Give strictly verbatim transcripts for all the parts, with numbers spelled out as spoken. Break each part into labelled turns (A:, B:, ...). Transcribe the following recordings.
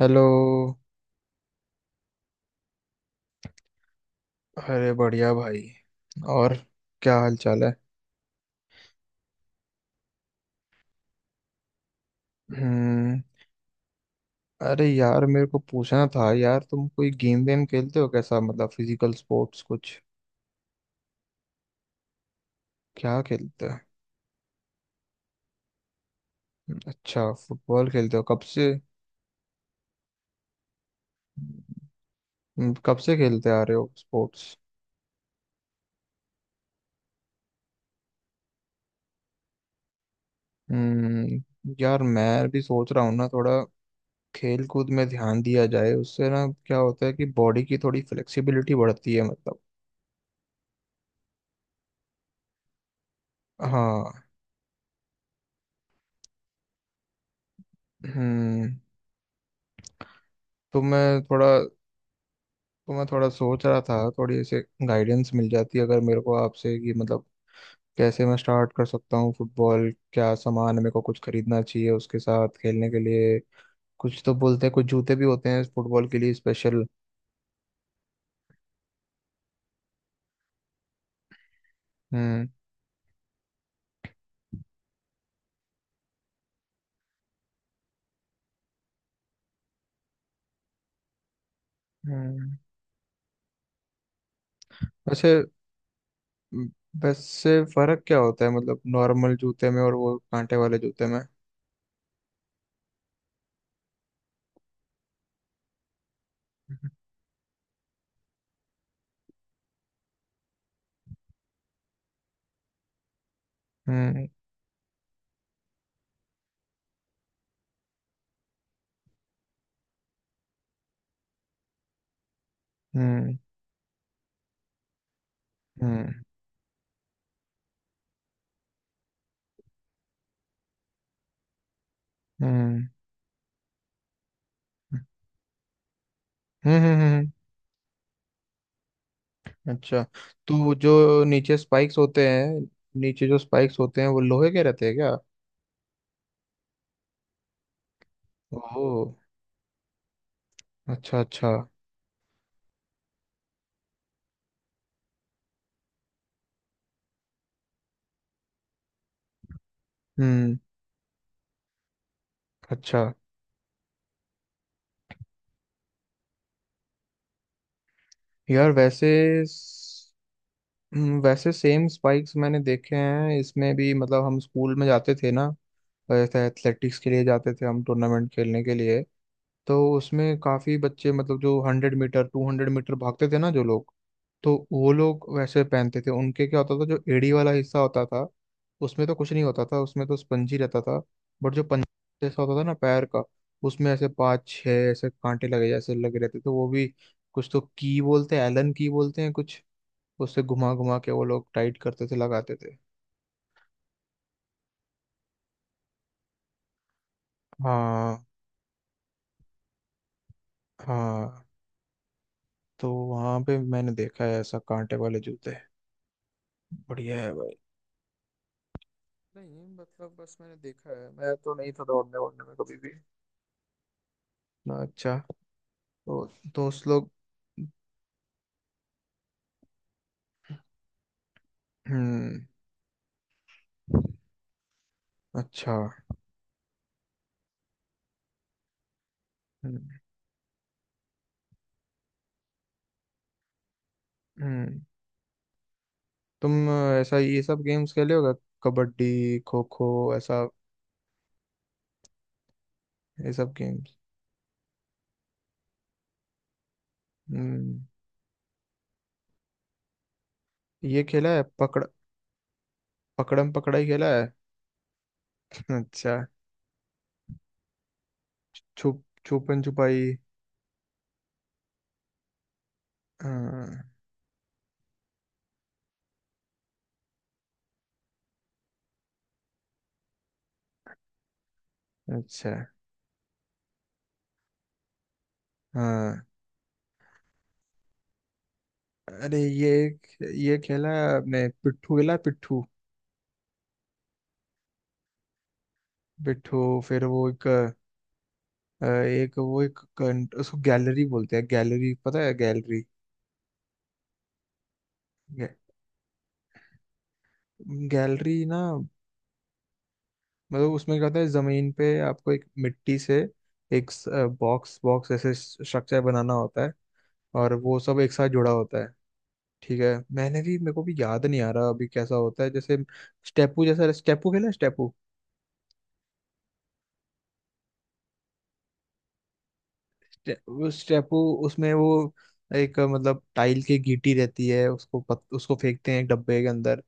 A: Hello. अरे बढ़िया भाई। और क्या हाल चाल है। हम्म। अरे यार, मेरे को पूछना था यार, तुम कोई गेम वेम खेलते हो कैसा, मतलब फिजिकल स्पोर्ट्स कुछ। क्या खेलते हो। अच्छा, फुटबॉल खेलते हो कब से। हम्म, कब से खेलते आ रहे हो स्पोर्ट्स। हम्म यार मैं भी सोच रहा हूँ ना, थोड़ा खेल कूद में ध्यान दिया जाए। उससे ना क्या होता है कि बॉडी की थोड़ी फ्लेक्सिबिलिटी बढ़ती है मतलब। हाँ। हम्म। तो मैं थोड़ा तो मैं थोड़ा सोच रहा था, थोड़ी ऐसे गाइडेंस मिल जाती अगर मेरे को आपसे कि मतलब कैसे मैं स्टार्ट कर सकता हूँ फुटबॉल। क्या सामान मेरे को कुछ खरीदना चाहिए उसके साथ खेलने के लिए। कुछ तो बोलते हैं कुछ जूते भी होते हैं फुटबॉल के लिए स्पेशल। हम्म। हम्म। वैसे वैसे फर्क क्या होता है मतलब नॉर्मल जूते में और वो कांटे वाले जूते में। हम्म। हम्म। हम्म। हम्म। हम्म। हम्म। हम्म। हम्म। अच्छा। तो जो नीचे स्पाइक्स होते हैं नीचे जो स्पाइक्स होते हैं वो लोहे के रहते हैं क्या। ओह। अच्छा अच्छा। हम्म। अच्छा। यार वैसे स- हम्म, वैसे सेम स्पाइक्स मैंने देखे हैं इसमें भी, मतलब हम स्कूल में जाते थे ना, एथलेटिक्स के लिए जाते थे हम, टूर्नामेंट खेलने के लिए। तो उसमें काफी बच्चे, मतलब जो hundred metre two hundred metre भागते थे ना, जो लोग, तो वो लोग वैसे पहनते थे। उनके क्या होता था, जो एड़ी वाला हिस्सा होता था उसमें तो कुछ नहीं होता था, उसमें तो स्पंजी रहता था। बट जो पंजा जैसा होता था ना पैर का, उसमें ऐसे पाँच छह ऐसे कांटे लगे जैसे लगे रहते थे। तो वो भी कुछ तो की बोलते हैं, एलन की बोलते हैं कुछ, उससे घुमा घुमा के वो लोग टाइट करते थे, लगाते थे। हाँ हाँ। तो वहां पे मैंने देखा है ऐसा कांटे वाले जूते। बढ़िया है भाई। नहीं, मतलब बस मैंने देखा है, मैं तो नहीं था दौड़ने वौड़ने में कभी भी। ना, अच्छा। तो दोस्त लोग। हम्म। अच्छा। हम्म। हम्म। तुम अ, ऐसा ये सब गेम्स खेले होगा, कबड्डी, खो खो, ऐसा ये सब गेम्स। हम्म। ये खेला है पकड़ पकड़म पकड़ाई खेला है। अच्छा। छुप छुपन छुपाई। हाँ। अच्छा। हाँ। अरे ये ये खेला है आपने, पिट्ठू खेला है, पिट्ठू। पिट्ठू फिर वो एक अ, एक वो एक कंट, उसको गैलरी बोलते हैं, गैलरी पता है, गैलरी। गैलरी ना, मतलब उसमें क्या होता है, जमीन पे आपको एक मिट्टी से एक बॉक्स बॉक्स ऐसे स्ट्रक्चर बनाना होता है, और वो सब एक साथ जुड़ा होता है। ठीक है, मैंने भी, मेरे को भी याद नहीं आ रहा अभी कैसा होता है जैसे स्टेपू जैसा। स्टेपू खेला है? स्टेपू? स्टे- वो स्टेपू उसमें वो एक अ, मतलब टाइल की गीटी रहती है, उसको पत, उसको फेंकते हैं एक डब्बे के अंदर,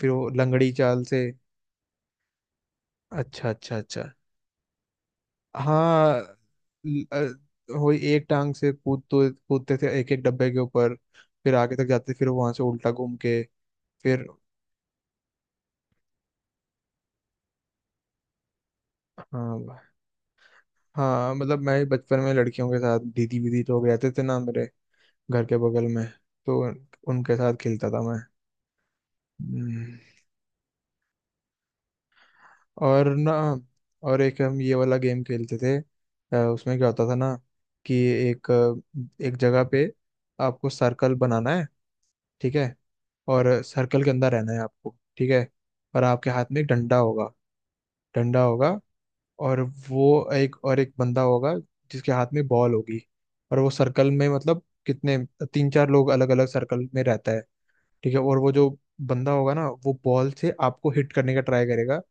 A: फिर वो लंगड़ी चाल से। अच्छा अच्छा अच्छा। हाँ। ल- अ, वही एक टांग से कूद तो कूदते थे एक एक डब्बे के ऊपर, फिर आगे तक जाते, फिर वहां से उल्टा घूम के फिर। हाँ हाँ, मतलब मैं बचपन में लड़कियों के साथ, दीदी वीदी लोग रहते थे ना मेरे घर के बगल में, तो उन- उनके साथ खेलता था मैं। हम्म, और ना, और एक हम ये वाला गेम खेलते थे। अ, उसमें क्या होता था ना कि एक अ, एक जगह पे आपको सर्कल बनाना है, ठीक है, और सर्कल के अंदर रहना है आपको, ठीक है, और आपके हाथ में एक डंडा होगा, डंडा होगा, और वो एक, और एक बंदा होगा जिसके हाथ में बॉल होगी, और वो सर्कल में, मतलब कितने, तीन चार लोग अलग अलग सर्कल में रहता है, ठीक है, और वो जो बंदा होगा ना वो बॉल से आपको हिट करने का ट्राई करेगा,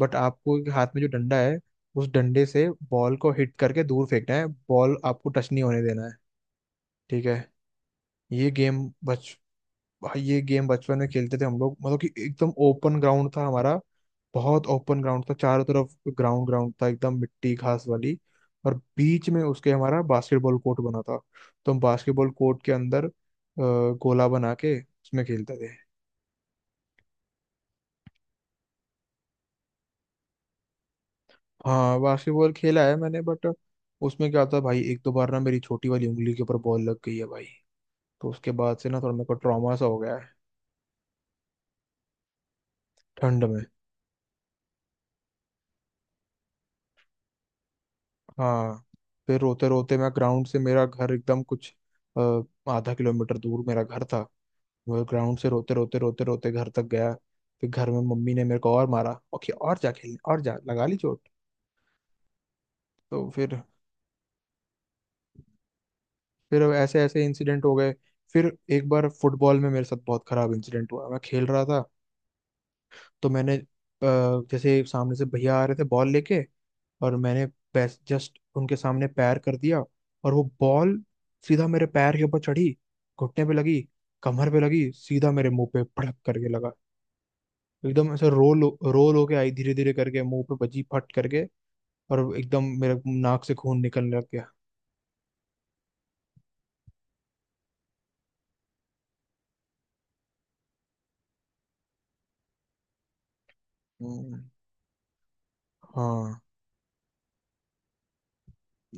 A: बट आपको हाथ में जो डंडा है, उस डंडे से बॉल को हिट करके दूर फेंकना है, बॉल आपको टच नहीं होने देना है, ठीक है। ये गेम बच भाई ये गेम बचपन में खेलते थे हम लोग, मतलब कि एकदम ओपन ग्राउंड था हमारा, बहुत ओपन ग्राउंड था चारों तरफ, ग्राउंड ग्राउंड था एकदम मिट्टी घास वाली, और बीच में उसके हमारा बास्केटबॉल कोर्ट बना था। तो हम बास्केटबॉल कोर्ट के अंदर अ, गोला बना के उसमें खेलते थे। हाँ, बास्केटबॉल खेला है मैंने, बट उसमें क्या था भाई, एक दो बार ना मेरी छोटी वाली उंगली के ऊपर बॉल लग गई है भाई, तो उसके बाद से ना थोड़ा मेरे को ट्रॉमा सा हो गया है। ठंड में। हाँ। फिर रोते रोते मैं ग्राउंड से, मेरा घर एकदम कुछ अ, आधा किलोमीटर दूर मेरा घर था, मैं ग्राउंड से रोते रोते रोते रोते घर तक गया। फिर घर में मम्मी ने मेरे को और मारा, ओके, और जा खेलने, और जा लगा ली चोट। तो फिर, फिर ऐसे ऐसे इंसिडेंट हो गए। फिर एक बार फुटबॉल में मेरे साथ बहुत खराब इंसिडेंट हुआ, मैं खेल रहा था, तो मैंने अ, जैसे सामने से भैया आ रहे थे बॉल लेके, और मैंने जस्ट उनके सामने पैर कर दिया, और वो बॉल सीधा मेरे पैर के ऊपर चढ़ी, घुटने पे लगी, कमर पे लगी, सीधा मेरे मुंह पे भड़क करके लगा, एकदम ऐसे रोल रोल होके आई, धीरे धीरे करके मुंह पे बजी फट करके, और एकदम मेरे नाक से खून निकलने लग गया। हम्म, हाँ।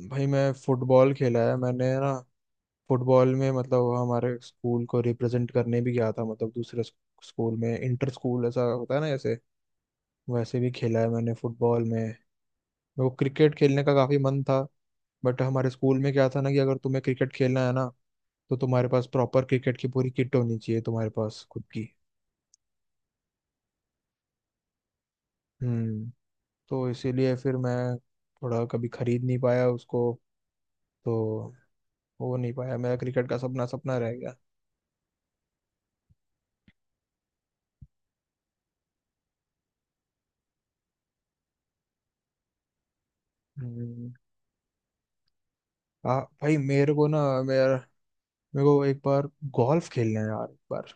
A: भाई मैं फुटबॉल खेला है मैंने ना, फुटबॉल में मतलब हमारे स्कूल को रिप्रेजेंट करने भी गया था, मतलब दूसरे स्क- स्कूल में, इंटर स्कूल ऐसा होता है ना, ऐसे वैसे भी खेला है मैंने फुटबॉल में। वो क्रिकेट खेलने का काफी मन था, बट हमारे स्कूल में क्या था ना कि अगर तुम्हें क्रिकेट खेलना है ना, तो तुम्हारे पास प्रॉपर क्रिकेट की पूरी किट होनी चाहिए, तुम्हारे पास खुद की। हम्म। तो इसीलिए फिर मैं थोड़ा कभी खरीद नहीं पाया उसको, तो हो नहीं पाया, मेरा क्रिकेट का सपना सपना रह गया। हम्म। आ भाई, मेरे को ना, मेरा मेरे को एक बार गोल्फ खेलना है यार, एक बार।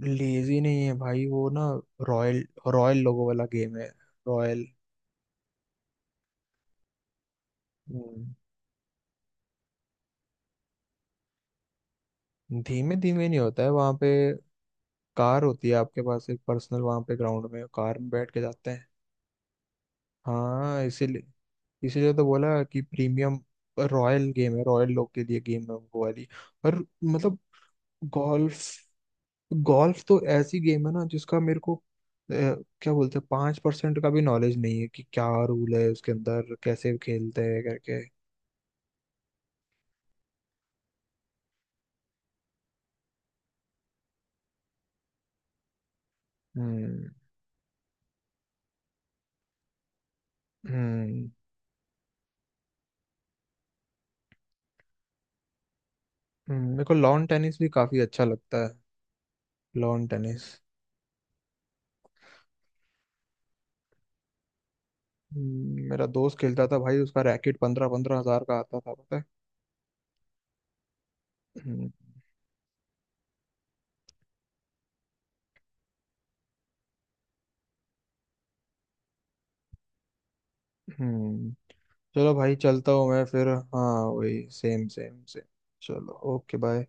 A: लेजी नहीं है भाई वो ना, रॉयल रॉयल लोगो वाला गेम है, रॉयल। हम्म, धीमे धीमे नहीं होता है वहां पे, कार होती है आपके पास एक पर्सनल, वहां पे ग्राउंड में कार में बैठ के जाते हैं। हाँ, इसीलिए, इसीलिए तो बोला कि प्रीमियम रॉयल गेम है, रॉयल लोग के लिए गेम है वो वाली, और मतलब गोल्फ गोल्फ तो ऐसी गेम है ना जिसका मेरे को अ, क्या बोलते हैं, पांच परसेंट का भी नॉलेज नहीं है कि क्या रूल है उसके अंदर, कैसे खेलते हैं करके। हम्म। हम्म। हम्म, मेरे को लॉन टेनिस भी काफी अच्छा लगता है, लॉन टेनिस। हम्म, मेरा दोस्त खेलता था भाई, उसका रैकेट पंद्रह पंद्रह हजार का आता था, पता है। हम्म। हम्म। चलो भाई, चलता हूँ मैं फिर, हाँ वही, सेम सेम सेम। चलो ओके बाय।